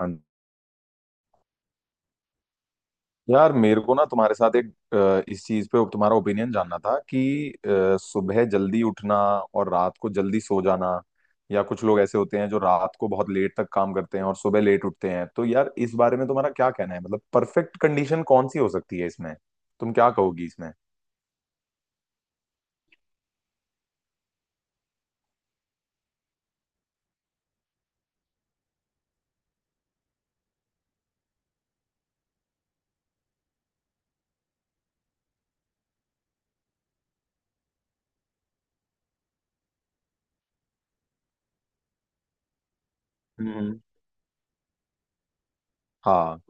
हाँ। यार मेरे को ना तुम्हारे साथ एक इस चीज पे तुम्हारा ओपिनियन जानना था कि सुबह जल्दी उठना और रात को जल्दी सो जाना, या कुछ लोग ऐसे होते हैं जो रात को बहुत लेट तक काम करते हैं और सुबह लेट उठते हैं। तो यार इस बारे में तुम्हारा क्या कहना है? मतलब परफेक्ट कंडीशन कौन सी हो सकती है इसमें? तुम क्या कहोगी इसमें? हम्म। हाँ।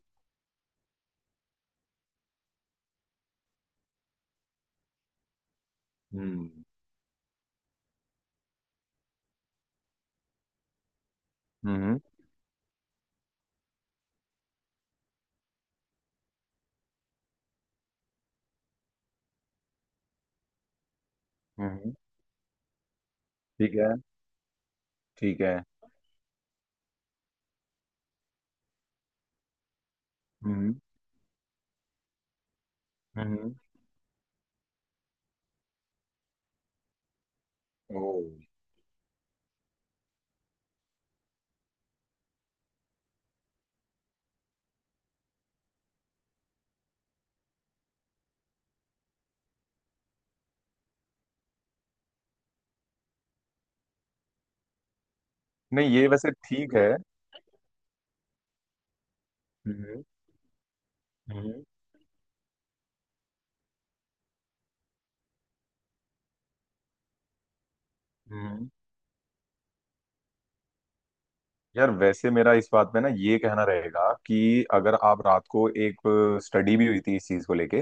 हम्म। हम्म। हम्म। ठीक है। ठीक है। हम्म। हम्म। ओ। नहीं, ये वैसे ठीक है। हम्म। हम्म। हम्म। यार वैसे मेरा इस बात पे ना ये कहना रहेगा कि अगर आप रात को एक स्टडी भी हुई थी इस चीज को लेके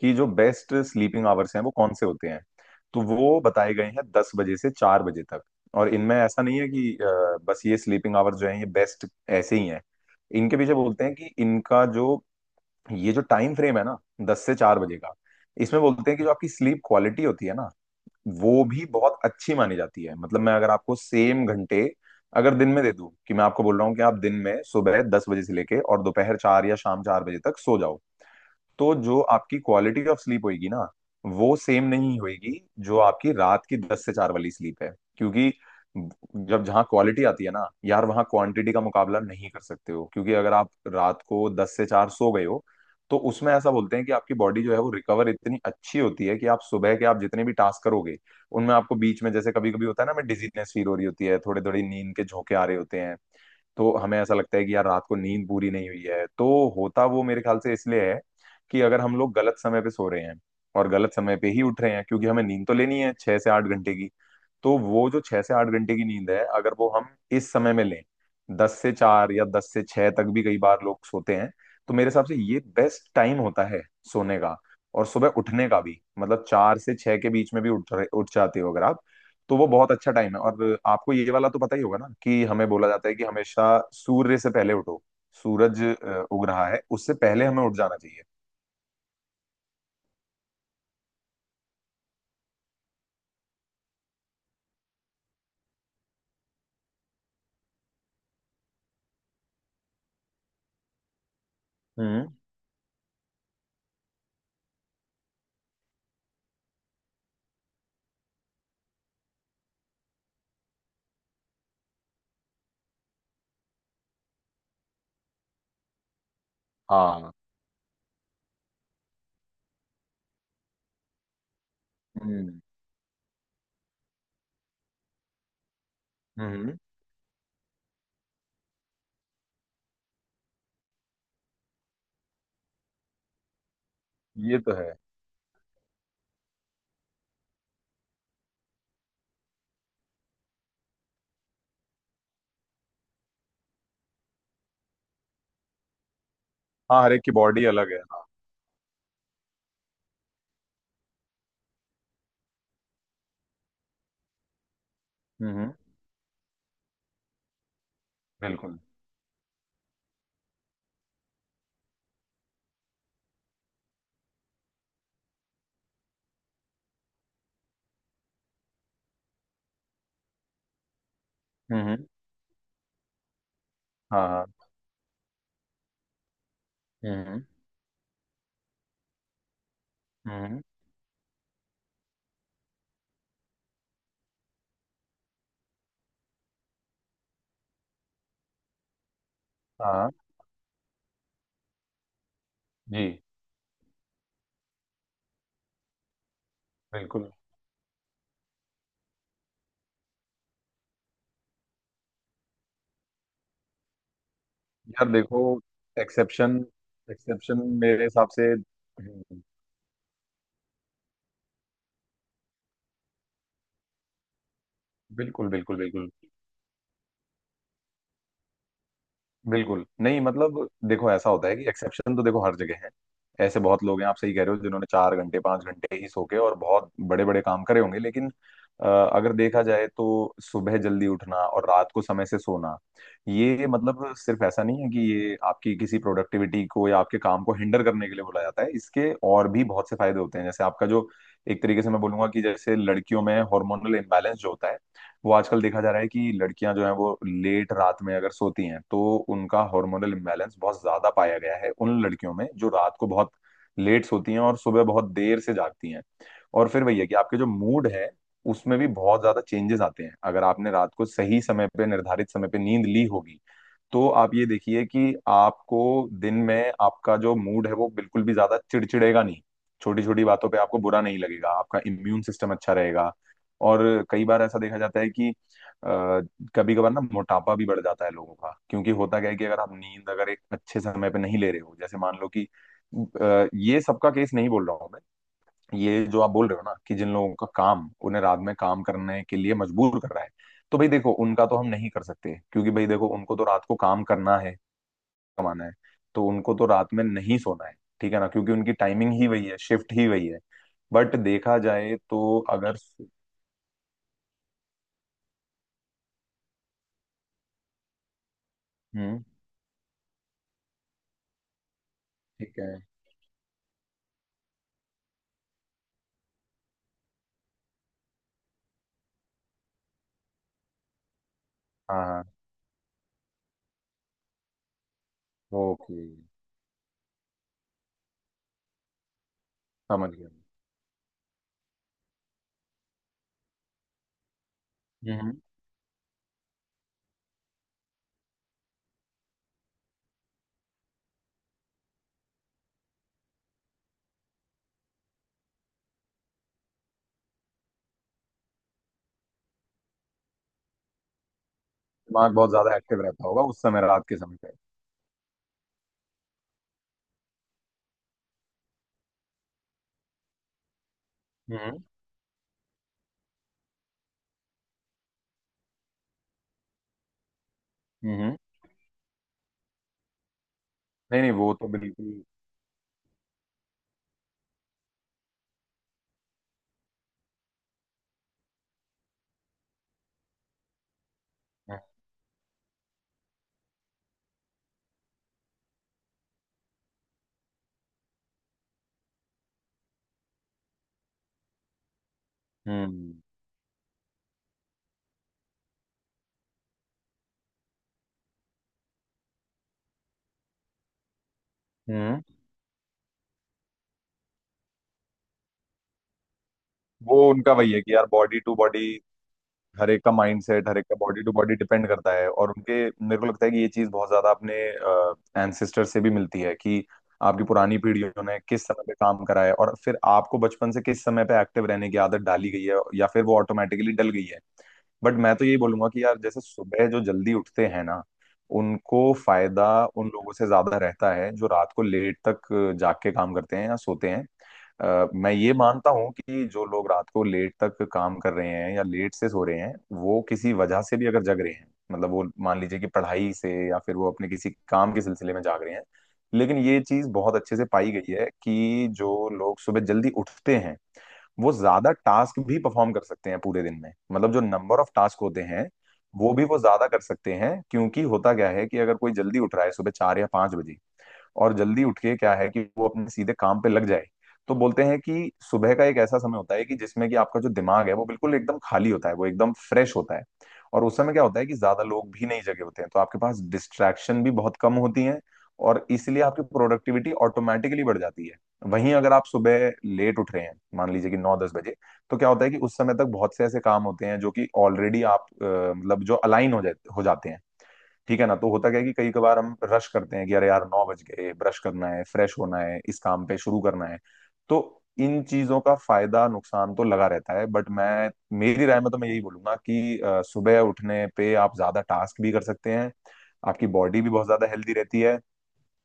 कि जो बेस्ट स्लीपिंग आवर्स हैं वो कौन से होते हैं, तो वो बताए गए हैं 10 बजे से 4 बजे तक। और इनमें ऐसा नहीं है कि बस ये स्लीपिंग आवर्स जो हैं ये बेस्ट ऐसे ही हैं। इनके पीछे बोलते हैं कि इनका जो ये जो टाइम फ्रेम है ना 10 से 4 बजे का, इसमें बोलते हैं कि जो आपकी स्लीप क्वालिटी होती है ना वो भी बहुत अच्छी मानी जाती है। मतलब मैं अगर आपको सेम घंटे अगर दिन में दे दूं, कि मैं आपको बोल रहा हूँ कि आप दिन में सुबह 10 बजे से लेके और दोपहर 4 या शाम 4 बजे तक सो जाओ, तो जो आपकी क्वालिटी ऑफ स्लीप होगी ना वो सेम नहीं होगी जो आपकी रात की 10 से 4 वाली स्लीप है। क्योंकि जब जहाँ क्वालिटी आती है ना यार वहाँ क्वांटिटी का मुकाबला नहीं कर सकते हो। क्योंकि अगर आप रात को 10 से 4 सो गए हो तो उसमें ऐसा बोलते हैं कि आपकी बॉडी जो है वो रिकवर इतनी अच्छी होती है कि आप सुबह के आप जितने भी टास्क करोगे उनमें आपको बीच में, जैसे कभी कभी होता है ना, हमें डिजीनेस फील हो रही होती है, थोड़े थोड़ी नींद के झोंके आ रहे होते हैं, तो हमें ऐसा लगता है कि यार रात को नींद पूरी नहीं हुई है। तो होता वो मेरे ख्याल से इसलिए है कि अगर हम लोग गलत समय पे सो रहे हैं और गलत समय पे ही उठ रहे हैं, क्योंकि हमें नींद तो लेनी है 6 से 8 घंटे की, तो वो जो 6 से 8 घंटे की नींद है अगर वो हम इस समय में लें, 10 से 4 या 10 से 6 तक भी कई बार लोग सोते हैं, तो मेरे हिसाब से ये बेस्ट टाइम होता है सोने का। और सुबह उठने का भी मतलब 4 से 6 के बीच में भी उठ जाते हो अगर आप, तो वो बहुत अच्छा टाइम है। और आपको ये वाला तो पता ही होगा ना कि हमें बोला जाता है कि हमेशा सूर्य से पहले उठो, सूरज उग रहा है उससे पहले हमें उठ जाना चाहिए। हम्म। हाँ। हम्म। हम्म। ये तो है। हाँ, हर एक की बॉडी अलग है, हाँ। हम्म। बिल्कुल। हम्म। हाँ हाँ। हम्म। हम्म। हाँ जी। बिल्कुल। यार देखो एक्सेप्शन, एक्सेप्शन मेरे हिसाब से, बिल्कुल बिल्कुल बिल्कुल। बिल्कुल नहीं, मतलब देखो, ऐसा होता है कि एक्सेप्शन तो देखो हर जगह है। ऐसे बहुत लोग हैं, आप सही कह रहे हो, जिन्होंने 4 घंटे 5 घंटे ही सो के और बहुत बड़े बड़े काम करे होंगे। लेकिन अगर देखा जाए तो सुबह जल्दी उठना और रात को समय से सोना, ये मतलब सिर्फ ऐसा नहीं है कि ये आपकी किसी प्रोडक्टिविटी को या आपके काम को हिंडर करने के लिए बोला जाता है। इसके और भी बहुत से फायदे होते हैं। जैसे आपका जो एक तरीके से मैं बोलूंगा कि जैसे लड़कियों में हार्मोनल इम्बैलेंस जो होता है वो आजकल देखा जा रहा है कि लड़कियां जो हैं वो लेट रात में अगर सोती हैं तो उनका हार्मोनल इम्बैलेंस बहुत ज्यादा पाया गया है उन लड़कियों में जो रात को बहुत लेट सोती हैं और सुबह बहुत देर से जागती हैं। और फिर वही है कि आपके जो मूड है उसमें भी बहुत ज्यादा चेंजेस आते हैं। अगर आपने रात को सही समय पे निर्धारित समय पे नींद ली होगी तो आप ये देखिए कि आपको दिन में आपका जो मूड है वो बिल्कुल भी ज्यादा चिड़चिड़ेगा नहीं। छोटी छोटी बातों पे आपको बुरा नहीं लगेगा। आपका इम्यून सिस्टम अच्छा रहेगा। और कई बार ऐसा देखा जाता है कि कभी कभार ना मोटापा भी बढ़ जाता है लोगों का। क्योंकि होता क्या है कि अगर आप नींद अगर एक अच्छे समय पे नहीं ले रहे हो, जैसे मान लो कि ये सबका केस नहीं बोल रहा हूँ मैं। ये जो आप बोल रहे हो ना कि जिन लोगों का काम उन्हें रात में काम करने के लिए मजबूर कर रहा है, तो भाई देखो उनका तो हम नहीं कर सकते, क्योंकि भाई देखो उनको तो रात को काम करना है, कमाना है, तो उनको तो रात में नहीं सोना है। ठीक है ना? क्योंकि उनकी टाइमिंग ही वही है, शिफ्ट ही वही है। बट देखा जाए तो अगर। हम्म। ठीक है। हाँ हाँ। ओके समझ गया। हम्म। दिमाग बहुत ज्यादा एक्टिव रहता होगा उस समय, रात के समय पे। हम्म। हम्म। नहीं नहीं, वो तो बिल्कुल। हम्म। हम्म। वो उनका वही है कि यार बॉडी टू बॉडी, हर एक का माइंड सेट, हर एक का बॉडी टू बॉडी डिपेंड करता है। और उनके मेरे को लगता है कि ये चीज बहुत ज्यादा अपने एंसेस्टर से भी मिलती है कि आपकी पुरानी पीढ़ियों ने किस समय पे काम करा है और फिर आपको बचपन से किस समय पे एक्टिव रहने की आदत डाली गई है या फिर वो ऑटोमेटिकली डल गई है। बट मैं तो यही बोलूंगा कि यार जैसे सुबह जो जल्दी उठते हैं ना उनको फायदा उन लोगों से ज्यादा रहता है जो रात को लेट तक जाग के काम करते हैं या सोते हैं। मैं ये मानता हूँ कि जो लोग रात को लेट तक काम कर रहे हैं या लेट से सो रहे हैं, वो किसी वजह से भी अगर जग रहे हैं, मतलब वो मान लीजिए कि पढ़ाई से या फिर वो अपने किसी काम के सिलसिले में जाग रहे हैं। लेकिन ये चीज बहुत अच्छे से पाई गई है कि जो लोग सुबह जल्दी उठते हैं वो ज्यादा टास्क भी परफॉर्म कर सकते हैं पूरे दिन में, मतलब जो नंबर ऑफ टास्क होते हैं वो भी वो ज्यादा कर सकते हैं। क्योंकि होता क्या है कि अगर कोई जल्दी उठ रहा है सुबह 4 या 5 बजे, और जल्दी उठ के क्या है कि वो अपने सीधे काम पे लग जाए, तो बोलते हैं कि सुबह का एक ऐसा समय होता है कि जिसमें कि आपका जो दिमाग है वो बिल्कुल एकदम खाली होता है, वो एकदम फ्रेश होता है। और उस समय क्या होता है कि ज्यादा लोग भी नहीं जगे होते हैं, तो आपके पास डिस्ट्रैक्शन भी बहुत कम होती है, और इसलिए आपकी प्रोडक्टिविटी ऑटोमेटिकली बढ़ जाती है। वहीं अगर आप सुबह लेट उठ रहे हैं, मान लीजिए कि 9 10 बजे, तो क्या होता है कि उस समय तक बहुत से ऐसे काम होते हैं जो कि ऑलरेडी आप मतलब जो अलाइन हो जाते हैं। ठीक है ना? तो होता क्या है कि कई कबार हम रश करते हैं कि अरे यार 9 बज गए, ब्रश करना है, फ्रेश होना है, इस काम पे शुरू करना है। तो इन चीजों का फायदा नुकसान तो लगा रहता है। बट मैं मेरी राय में तो मैं यही बोलूंगा कि सुबह उठने पे आप ज्यादा टास्क भी कर सकते हैं, आपकी बॉडी भी बहुत ज्यादा हेल्दी रहती है,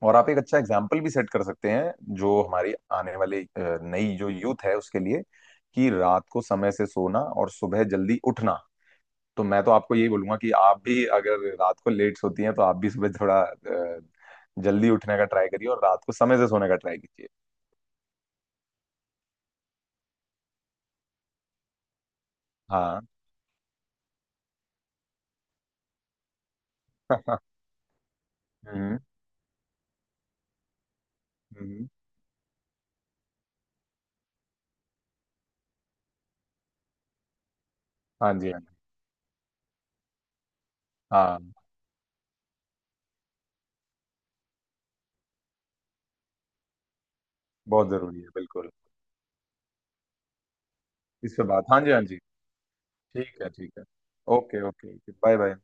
और आप एक अच्छा एग्जाम्पल भी सेट कर सकते हैं जो हमारी आने वाली नई जो यूथ है उसके लिए, कि रात को समय से सोना और सुबह जल्दी उठना। तो मैं तो आपको यही बोलूंगा कि आप भी अगर रात को लेट सोती हैं तो आप भी सुबह थोड़ा जल्दी उठने का ट्राई करिए और रात को समय से सोने का ट्राई कीजिए। हाँ। हम्म। हम्म। हाँ जी हाँ जी। हाँ। बहुत जरूरी है बिल्कुल। इस पे बात हाँ जी हाँ जी। ठीक है ठीक है। Okay okay okay bye bye.